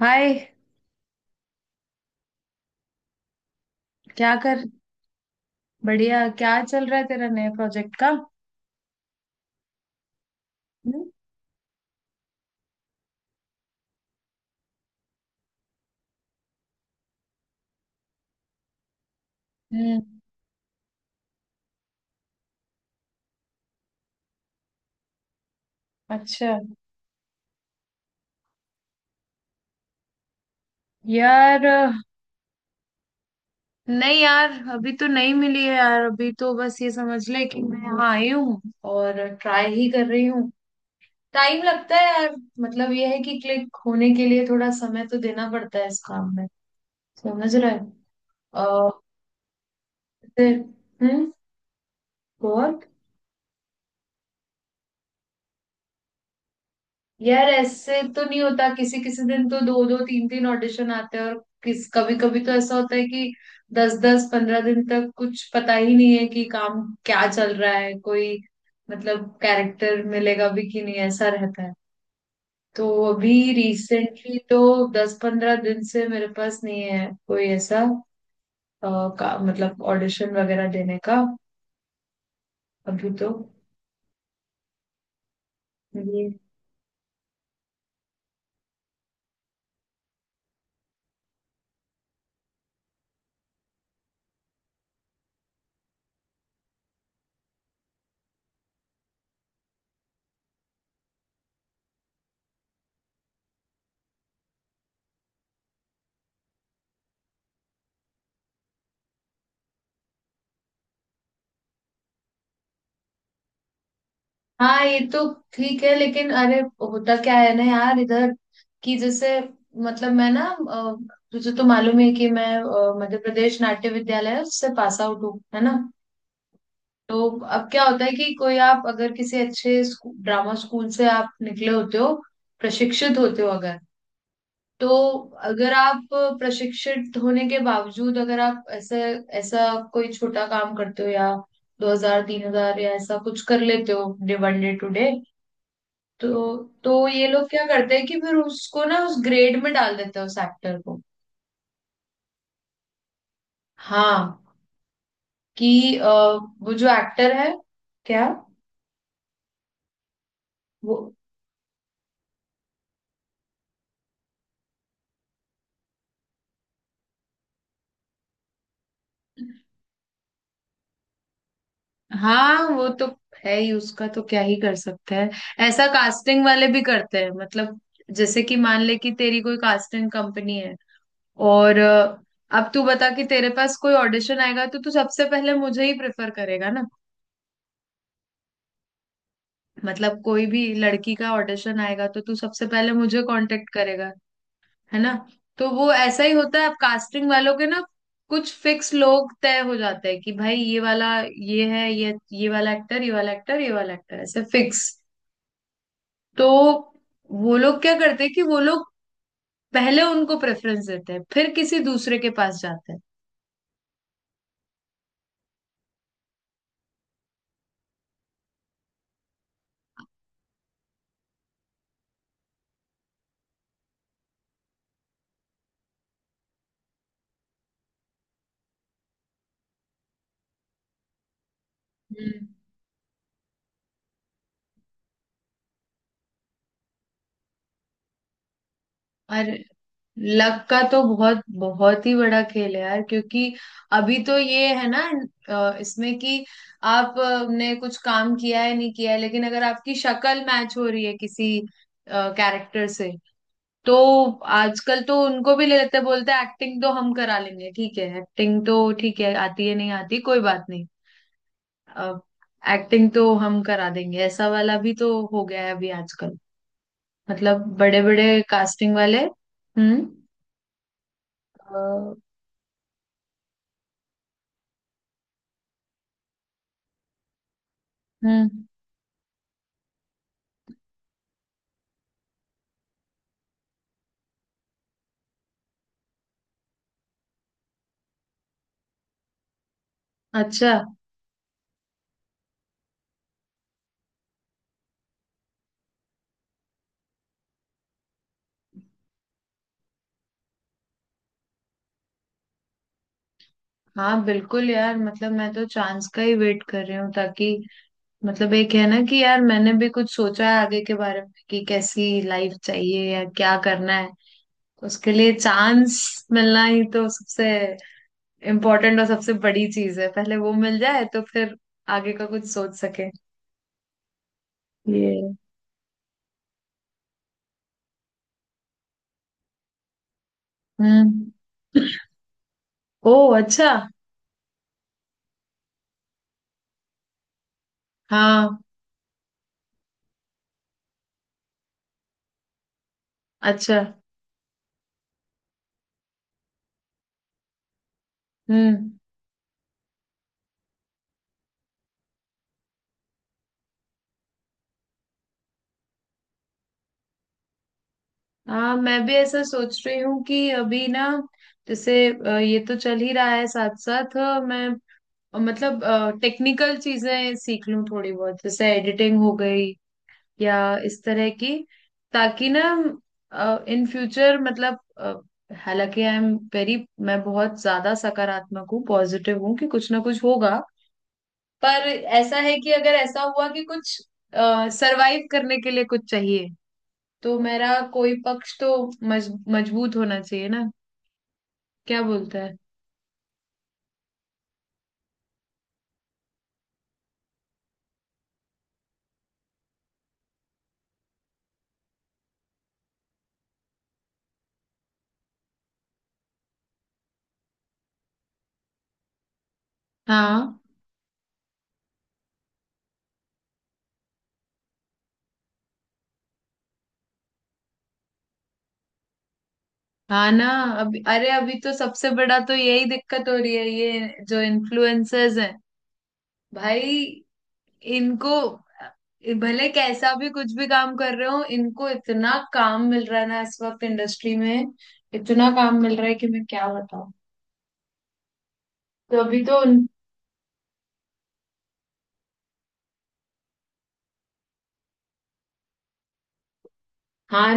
हाय। क्या कर? बढ़िया, क्या चल रहा है तेरा नए प्रोजेक्ट का? हम्म। हम्म। अच्छा। यार नहीं यार, अभी तो नहीं मिली है यार। अभी तो बस ये समझ ले कि मैं यहाँ आई हूँ और ट्राई ही कर रही हूँ। टाइम लगता है यार। मतलब ये है कि क्लिक होने के लिए थोड़ा समय तो देना पड़ता है इस काम में। समझ रहा है? अ, फिर- हम्म। और यार, ऐसे तो नहीं होता। किसी किसी दिन तो दो दो तीन तीन ऑडिशन आते हैं और किस कभी कभी तो ऐसा होता है कि दस दस पंद्रह दिन तक कुछ पता ही नहीं है कि काम क्या चल रहा है, कोई मतलब कैरेक्टर मिलेगा भी कि नहीं, ऐसा रहता है। तो अभी रिसेंटली तो दस पंद्रह दिन से मेरे पास नहीं है कोई ऐसा अ, मतलब ऑडिशन वगैरह देने का। अभी तो हाँ, ये तो ठीक है। लेकिन अरे होता क्या है ना यार इधर, कि जैसे मतलब मैं ना अ, तुझे तो मालूम है कि मैं मध्य प्रदेश नाट्य विद्यालय से पास आउट हूँ, है ना? तो अब क्या होता है कि कोई आप अगर किसी अच्छे ड्रामा स्कूल से आप निकले होते हो, प्रशिक्षित होते हो अगर, तो अगर आप प्रशिक्षित होने के बावजूद अगर आप ऐसे ऐसा कोई छोटा काम करते हो या दो हजार तीन हजार या ऐसा कुछ कर लेते हो day one day two day, तो तो ये लोग क्या करते हैं कि फिर उसको ना उस ग्रेड में डाल देते हैं उस एक्टर को। हाँ, कि वो जो एक्टर है, क्या वो। हाँ, वो तो है ही, उसका तो क्या ही कर सकता है। ऐसा कास्टिंग वाले भी करते हैं मतलब। जैसे कि मान ले कि तेरी कोई कास्टिंग कंपनी है और अब तू बता कि तेरे पास कोई ऑडिशन आएगा तो तू सबसे पहले मुझे ही प्रेफर करेगा ना? मतलब कोई भी लड़की का ऑडिशन आएगा तो तू सबसे पहले मुझे कांटेक्ट करेगा, है ना? तो वो ऐसा ही होता है अब कास्टिंग वालों के ना। कुछ फिक्स लोग तय हो जाते हैं कि भाई ये वाला, ये है, ये वाला एक्टर ये वाला एक्टर ये वाला एक्टर, ऐसे फिक्स। तो वो लोग क्या करते हैं कि वो लोग पहले उनको प्रेफरेंस देते हैं फिर किसी दूसरे के पास जाते हैं। हम्म। और लक का तो बहुत बहुत ही बड़ा खेल है यार, क्योंकि अभी तो ये है ना इसमें कि आपने कुछ काम किया है नहीं किया है लेकिन अगर आपकी शक्ल मैच हो रही है किसी कैरेक्टर से तो आजकल तो उनको भी ले लेते हैं, बोलते हैं एक्टिंग तो हम करा लेंगे, ठीक है, एक्टिंग तो ठीक है, आती है नहीं आती कोई बात नहीं। अब एक्टिंग तो हम करा देंगे, ऐसा वाला भी तो हो गया है अभी आजकल। मतलब बड़े बड़े कास्टिंग वाले। हम्म। अ, हम्म। अच्छा। हाँ बिल्कुल यार। मतलब मैं तो चांस का ही वेट कर रही हूँ ताकि मतलब एक है ना कि यार मैंने भी कुछ सोचा है आगे के बारे में कि कैसी लाइफ चाहिए या क्या करना है। तो उसके लिए चांस मिलना ही तो सबसे इम्पोर्टेंट और सबसे बड़ी चीज है। पहले वो मिल जाए तो फिर आगे का कुछ सोच सके। ये हम्म। ओ, अच्छा। हाँ। अच्छा। हम्म। हाँ, मैं भी ऐसा सोच रही हूँ कि अभी ना जैसे ये तो चल ही रहा है साथ साथ, मैं मतलब टेक्निकल चीजें सीख लूँ थोड़ी बहुत, जैसे एडिटिंग हो गई या इस तरह की, ताकि ना इन फ्यूचर मतलब हालांकि आई एम वेरी, मैं बहुत ज्यादा सकारात्मक हूँ, पॉजिटिव हूँ कि कुछ ना कुछ होगा, पर ऐसा है कि अगर ऐसा हुआ कि कुछ सरवाइव करने के लिए कुछ चाहिए, तो मेरा कोई पक्ष तो मजबूत होना चाहिए ना, क्या बोलता है? हाँ। हाँ ना। अभी अरे अभी तो सबसे बड़ा तो यही दिक्कत हो रही है, ये जो इन्फ्लुएंसर्स हैं भाई, इनको भले कैसा भी कुछ भी काम कर रहे हो, इनको इतना काम मिल रहा है ना इस वक्त इंडस्ट्री में, इतना काम मिल रहा है कि मैं क्या बताऊं। तो अभी तो हाँ।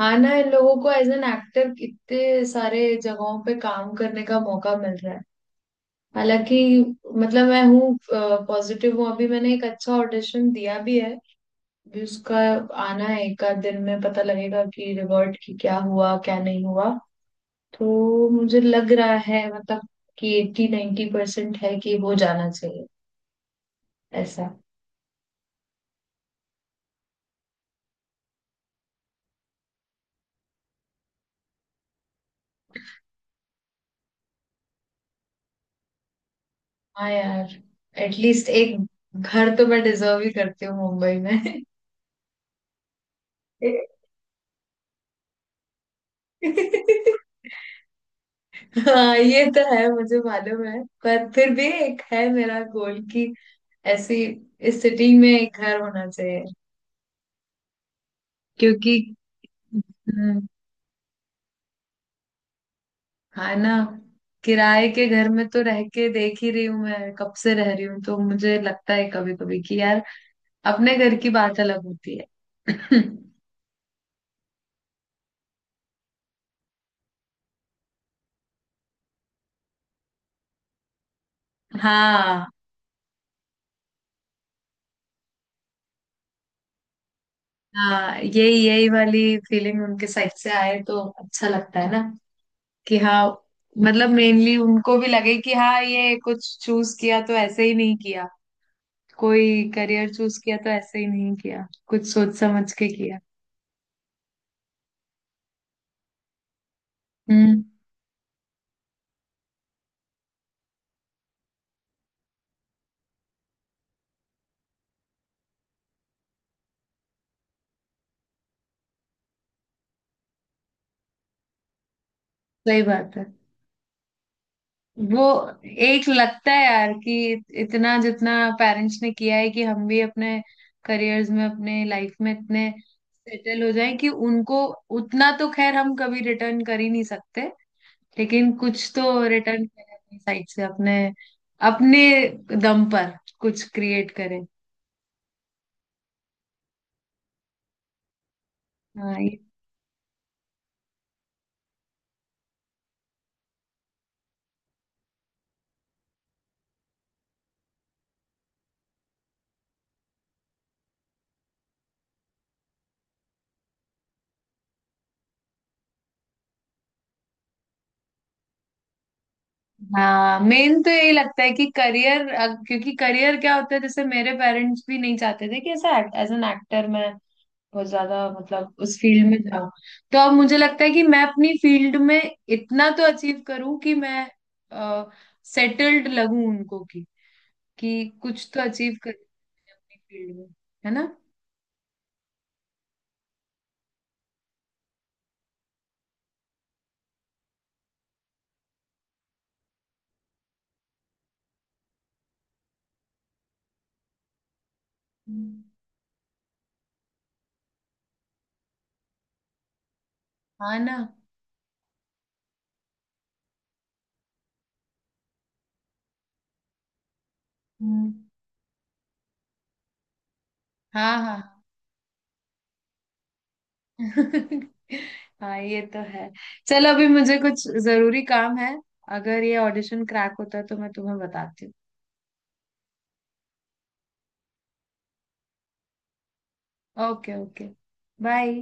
हाँ ना, इन लोगों को एज एन एक्टर कितने सारे जगहों पे काम करने का मौका मिल रहा है। हालांकि मतलब मैं हूँ पॉजिटिव हूँ, अभी मैंने एक अच्छा ऑडिशन दिया भी है, अभी उसका आना है एक आध दिन में, पता लगेगा कि रिवर्ट की क्या हुआ क्या नहीं हुआ। तो मुझे लग रहा है मतलब कि एट्टी 90% परसेंट है कि हो जाना चाहिए ऐसा। हाँ यार, एटलीस्ट एक घर तो मैं डिजर्व ही करती हूँ मुंबई में। हाँ, ये तो है, मुझे मालूम है, पर फिर भी एक है मेरा गोल कि ऐसी इस सिटी में एक घर होना चाहिए क्योंकि हम्म। हाँ ना, किराए के घर में तो रह के देख ही रही हूँ मैं, कब से रह रही हूँ, तो मुझे लगता है कभी कभी कि यार अपने घर की बात अलग होती है। हाँ। हाँ, यही यही वाली फीलिंग उनके साइड से आए तो अच्छा लगता है ना, कि हाँ मतलब मेनली उनको भी लगे कि हाँ, ये कुछ चूज किया तो ऐसे ही नहीं किया, कोई करियर चूज किया तो ऐसे ही नहीं किया, कुछ सोच समझ के किया। हम्म। सही बात है। वो एक लगता है यार कि इतना जितना पेरेंट्स ने किया है कि हम भी अपने करियर्स में अपने लाइफ में इतने सेटल हो जाएं कि उनको, उतना तो खैर हम कभी रिटर्न कर ही नहीं सकते लेकिन कुछ तो रिटर्न करें अपनी साइड से अपने अपने दम पर कुछ क्रिएट करें। हाँ ये- हाँ, मेन तो यही लगता है कि करियर, क्योंकि करियर क्या होता है, जैसे मेरे पेरेंट्स भी नहीं चाहते थे कि ऐसा एज एन एक्टर मैं बहुत ज्यादा मतलब उस फील्ड में जाऊं। तो अब मुझे लगता है कि मैं अपनी फील्ड में इतना तो अचीव करूं कि मैं सेटल्ड लगूं उनको, की कि कुछ तो अचीव करूं अपनी फील्ड में, है ना? हम्म। हाँ ना। हम्म। हाँ। हाँ। हाँ, ये तो है। चलो, अभी मुझे कुछ जरूरी काम है। अगर ये ऑडिशन क्रैक होता है तो मैं तुम्हें बताती हूँ। Okay okay. बाय।